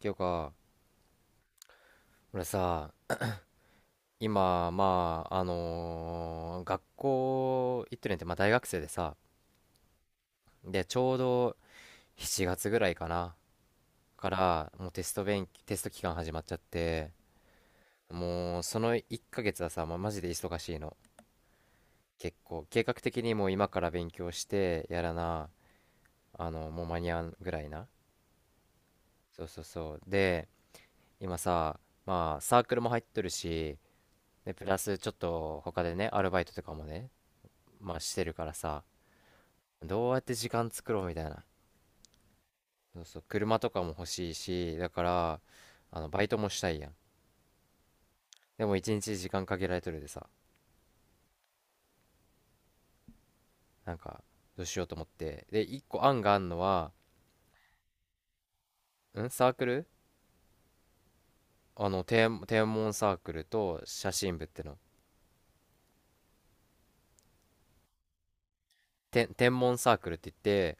ていうか、俺さ、今、まあ、学校行ってるんやって、まあ、大学生でさ、で、ちょうど7月ぐらいかな、から、もうテスト期間始まっちゃって、もう、その1ヶ月はさ、まあ、マジで忙しいの。結構、計画的にもう今から勉強して、やらな、もう間に合うぐらいな。そうそうそう。で、今さ、まあ、サークルも入っとるし、で、プラスちょっと他でね、アルバイトとかもね、まあしてるからさ、どうやって時間作ろうみたいな。そうそう、車とかも欲しいし、だから、バイトもしたいやん。でも一日時間限られとるでさ、なんか、どうしようと思って。で、一個案があんのは、んサークル天文サークルと写真部っての。天文サークルって言って、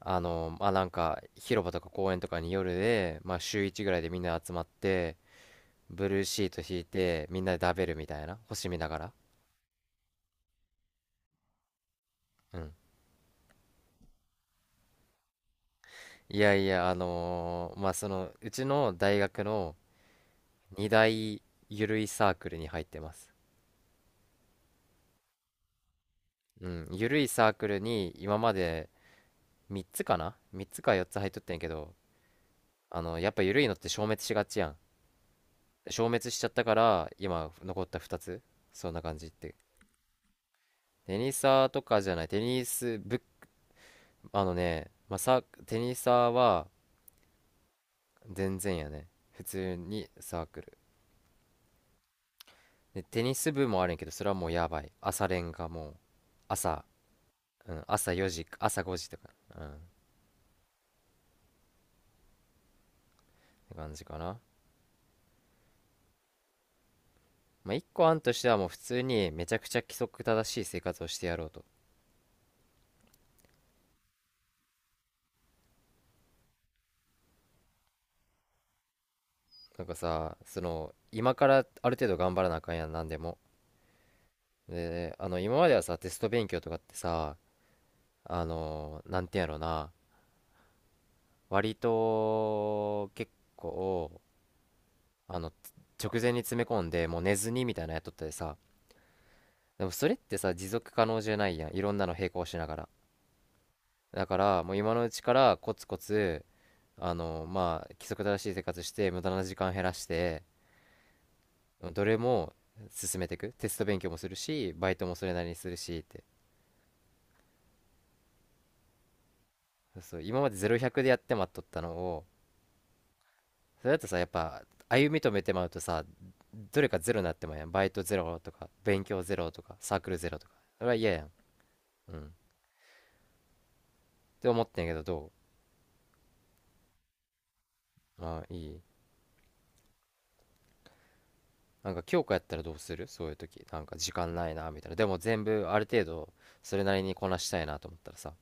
まあ、なんか、広場とか公園とかに夜で、まあ、週1ぐらいでみんな集まって、ブルーシート引いて、みんなで食べるみたいな。星見ながら。うん。いやいや、まあ、その、うちの大学の2大ゆるいサークルに入ってます。うん、ゆるいサークルに今まで3つかな？ 3 つか4つ入っとってんやけど、やっぱゆるいのって消滅しがちやん。消滅しちゃったから、今残った2つ、そんな感じって。テニサーとかじゃない、テニス部、あのね、まあ、テニサーは全然やね。普通にサークル。で、テニス部もあるんやけど、それはもうやばい。朝練がもう、朝、うん、朝4時、朝5時とか、うん、って感じかな。まあ、一個案としてはもう普通にめちゃくちゃ規則正しい生活をしてやろうと。なんかさ、その、今からある程度頑張らなあかんやん、なんでも。で、今まではさ、テスト勉強とかってさ、なんていうんやろうな、割と、結構、あの、直前に詰め込んで、もう寝ずにみたいなのやっとったでさ、でもそれってさ、持続可能じゃないやん、いろんなの並行しながら。だからもう今のうちからコツコツ、まあ規則正しい生活して無駄な時間減らして、どれも進めていく。テスト勉強もするし、バイトもそれなりにするしって、そう今まで0100でやってまっとったのを、それだとさ、やっぱ歩み止めてまうとさ、どれかゼロになってまうやん。バイトゼロとか勉強ゼロとかサークルゼロとか、それは嫌やん。うん、って思ってんやけど、どう？ああ、いい。なんか強化やったらどうする、そういう時。なんか時間ないなみたいな、でも全部ある程度それなりにこなしたいなと思ったらさ、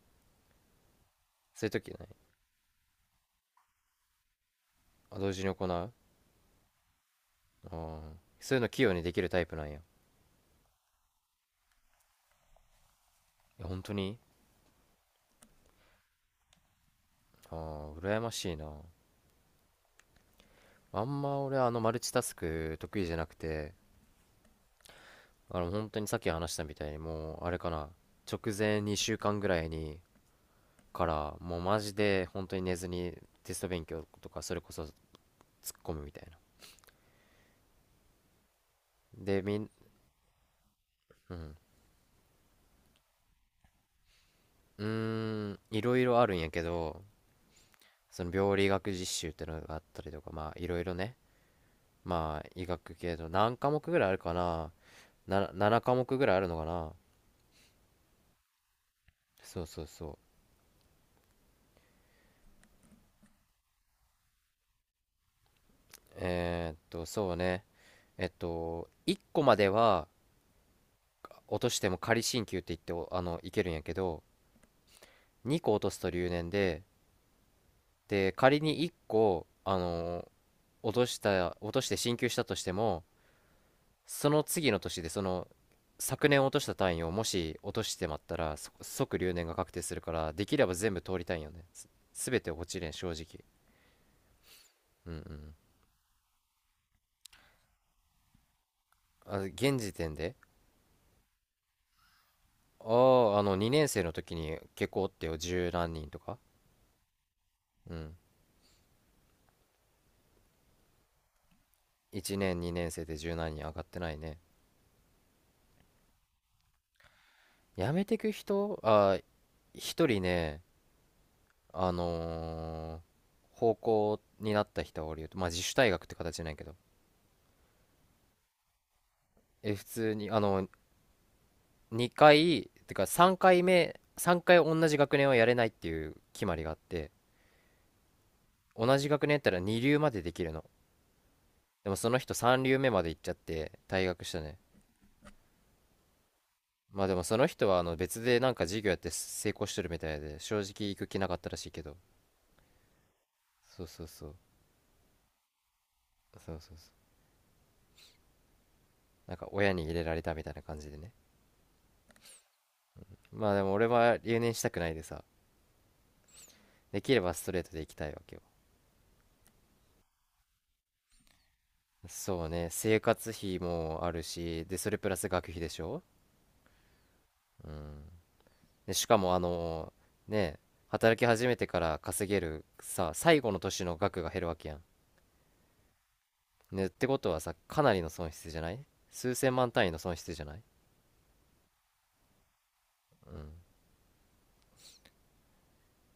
そういう時な。あ、同時に行う。あー、そういうの器用にできるタイプなんや。いや、本当に？あー、羨ましいな。あんま俺、マルチタスク得意じゃなくて、本当にさっき話したみたいに、もうあれかな、直前2週間ぐらいに、からもうマジで本当に寝ずにテスト勉強とか、それこそ突っ込むみたいな。でみんうん。うーん、いろいろあるんやけど、その病理学実習ってのがあったりとか、まあいろいろね、まあ医学系の何科目ぐらいあるかな、な、7科目ぐらいあるのかな。そうそうそう。えーっと、そうね。えっと、1個までは落としても仮進級って言って、いけるんやけど、2個落とすと留年で、で、仮に1個、落として進級したとしても、その次の年で、その昨年落とした単位をもし落としてまったら、即留年が確定するから、できれば全部通りたいんよね。全て落ちれん、正直。うんうん。あ、現時点で。ああ、2年生の時に結構おってよ、十何人とか。うん。1年2年生で十何人上がってないね。やめてく人、あー、一人ね、方向になった人はおるよ。まあ自主退学って形なんやけど、え、普通に2回てか3回目、3回同じ学年はやれないっていう決まりがあって、同じ学年やったら2流までできるの。でもその人3流目まで行っちゃって退学したね。まあでもその人は別でなんか授業やって成功してるみたいで、正直行く気なかったらしいけど。そうそうそう。そうそうそう。なんか親に入れられたみたいな感じでね。まあでも俺は留年したくないでさ、できればストレートで行きたいわけよ。そうね、生活費もあるし、でそれプラス学費でしょ。うん。でしかも、ね、働き始めてから稼げるさ、最後の年の額が減るわけやん。ね、ってことはさ、かなりの損失じゃない？数千万単位の損失じゃない？う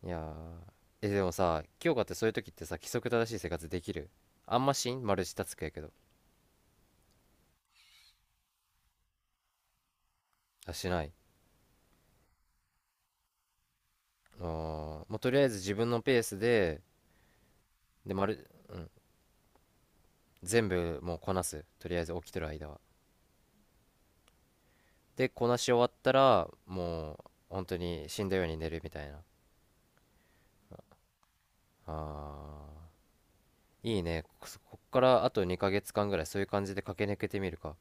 ん、いやー。え、でもさ、今日かって、そういう時ってさ規則正しい生活できる？あんまし？んマルチタスクやけど。あ、しない。あー、もうとりあえず自分のペースで、でまる、うん、全部もうこなす。とりあえず起きてる間は、でこなし終わったらもう本当に死んだように寝るみたいな。あー、いいね。ここっからあと2ヶ月間ぐらい、そういう感じで駆け抜けてみるか。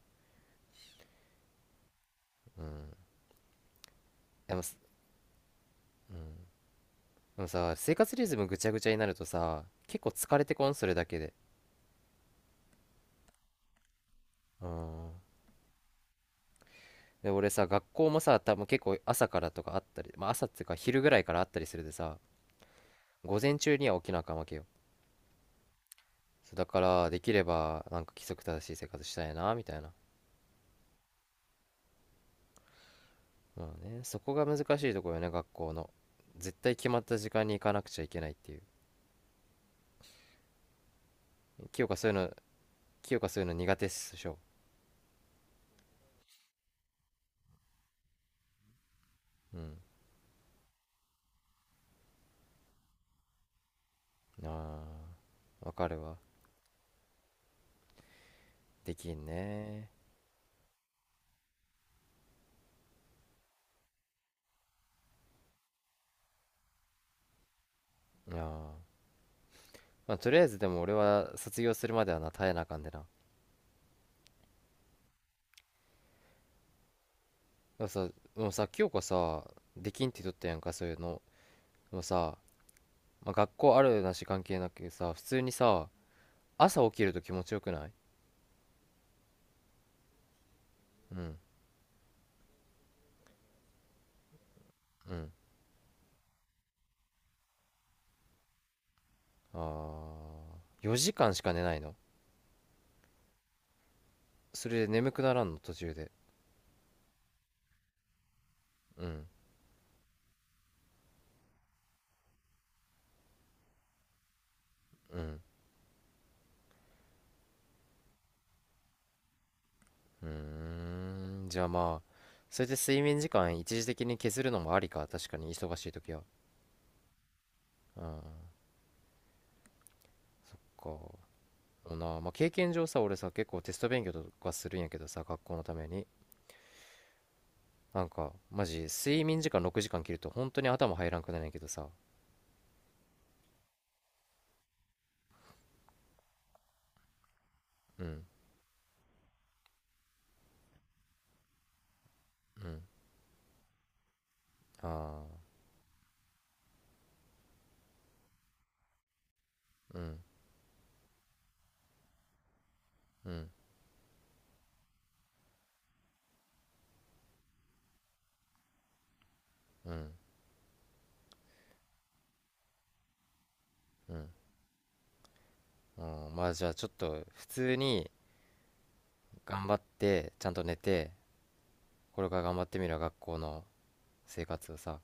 うん。でもす、でもさ、生活リズムぐちゃぐちゃになるとさ、結構疲れてこん、それだけで。うん。で、俺さ、学校もさ、多分結構朝からとかあったり、まあ朝っていうか昼ぐらいからあったりするでさ、午前中には起きなあかんわけよ。そうだから、できればなんか規則正しい生活したいな、みたいな。まあね、そこが難しいところよね、学校の。絶対決まった時間に行かなくちゃいけないっていう。清香そういうの、清香そういうの苦手っしょ。うん。ああ、わかるわ。できんね。ああ。まあ、とりあえずでも俺は卒業するまではな、耐えなあかんでな。でもさ、もうさ、清子さ、できんって言っとったやんか、そういうの。でもさ、まあ、学校あるなし関係なくさ、普通にさ、朝起きると気持ちよくない？うん、うん。ああ、4時間しか寝ないの？それで眠くならんの、途中で。うん、うん。うーん、じゃあまあ、それで睡眠時間一時的に削るのもありか、確かに忙しい時は。うん。かでもな、まあ、経験上さ、俺さ結構テスト勉強とかするんやけどさ、学校のために、なんかマジ睡眠時間6時間切ると本当に頭入らんくなるんやけどさ。うん、うん。ああ、うん、うん、うん、うん、うん。まあじゃあちょっと普通に頑張ってちゃんと寝て、これから頑張ってみるわ、学校の生活をさ。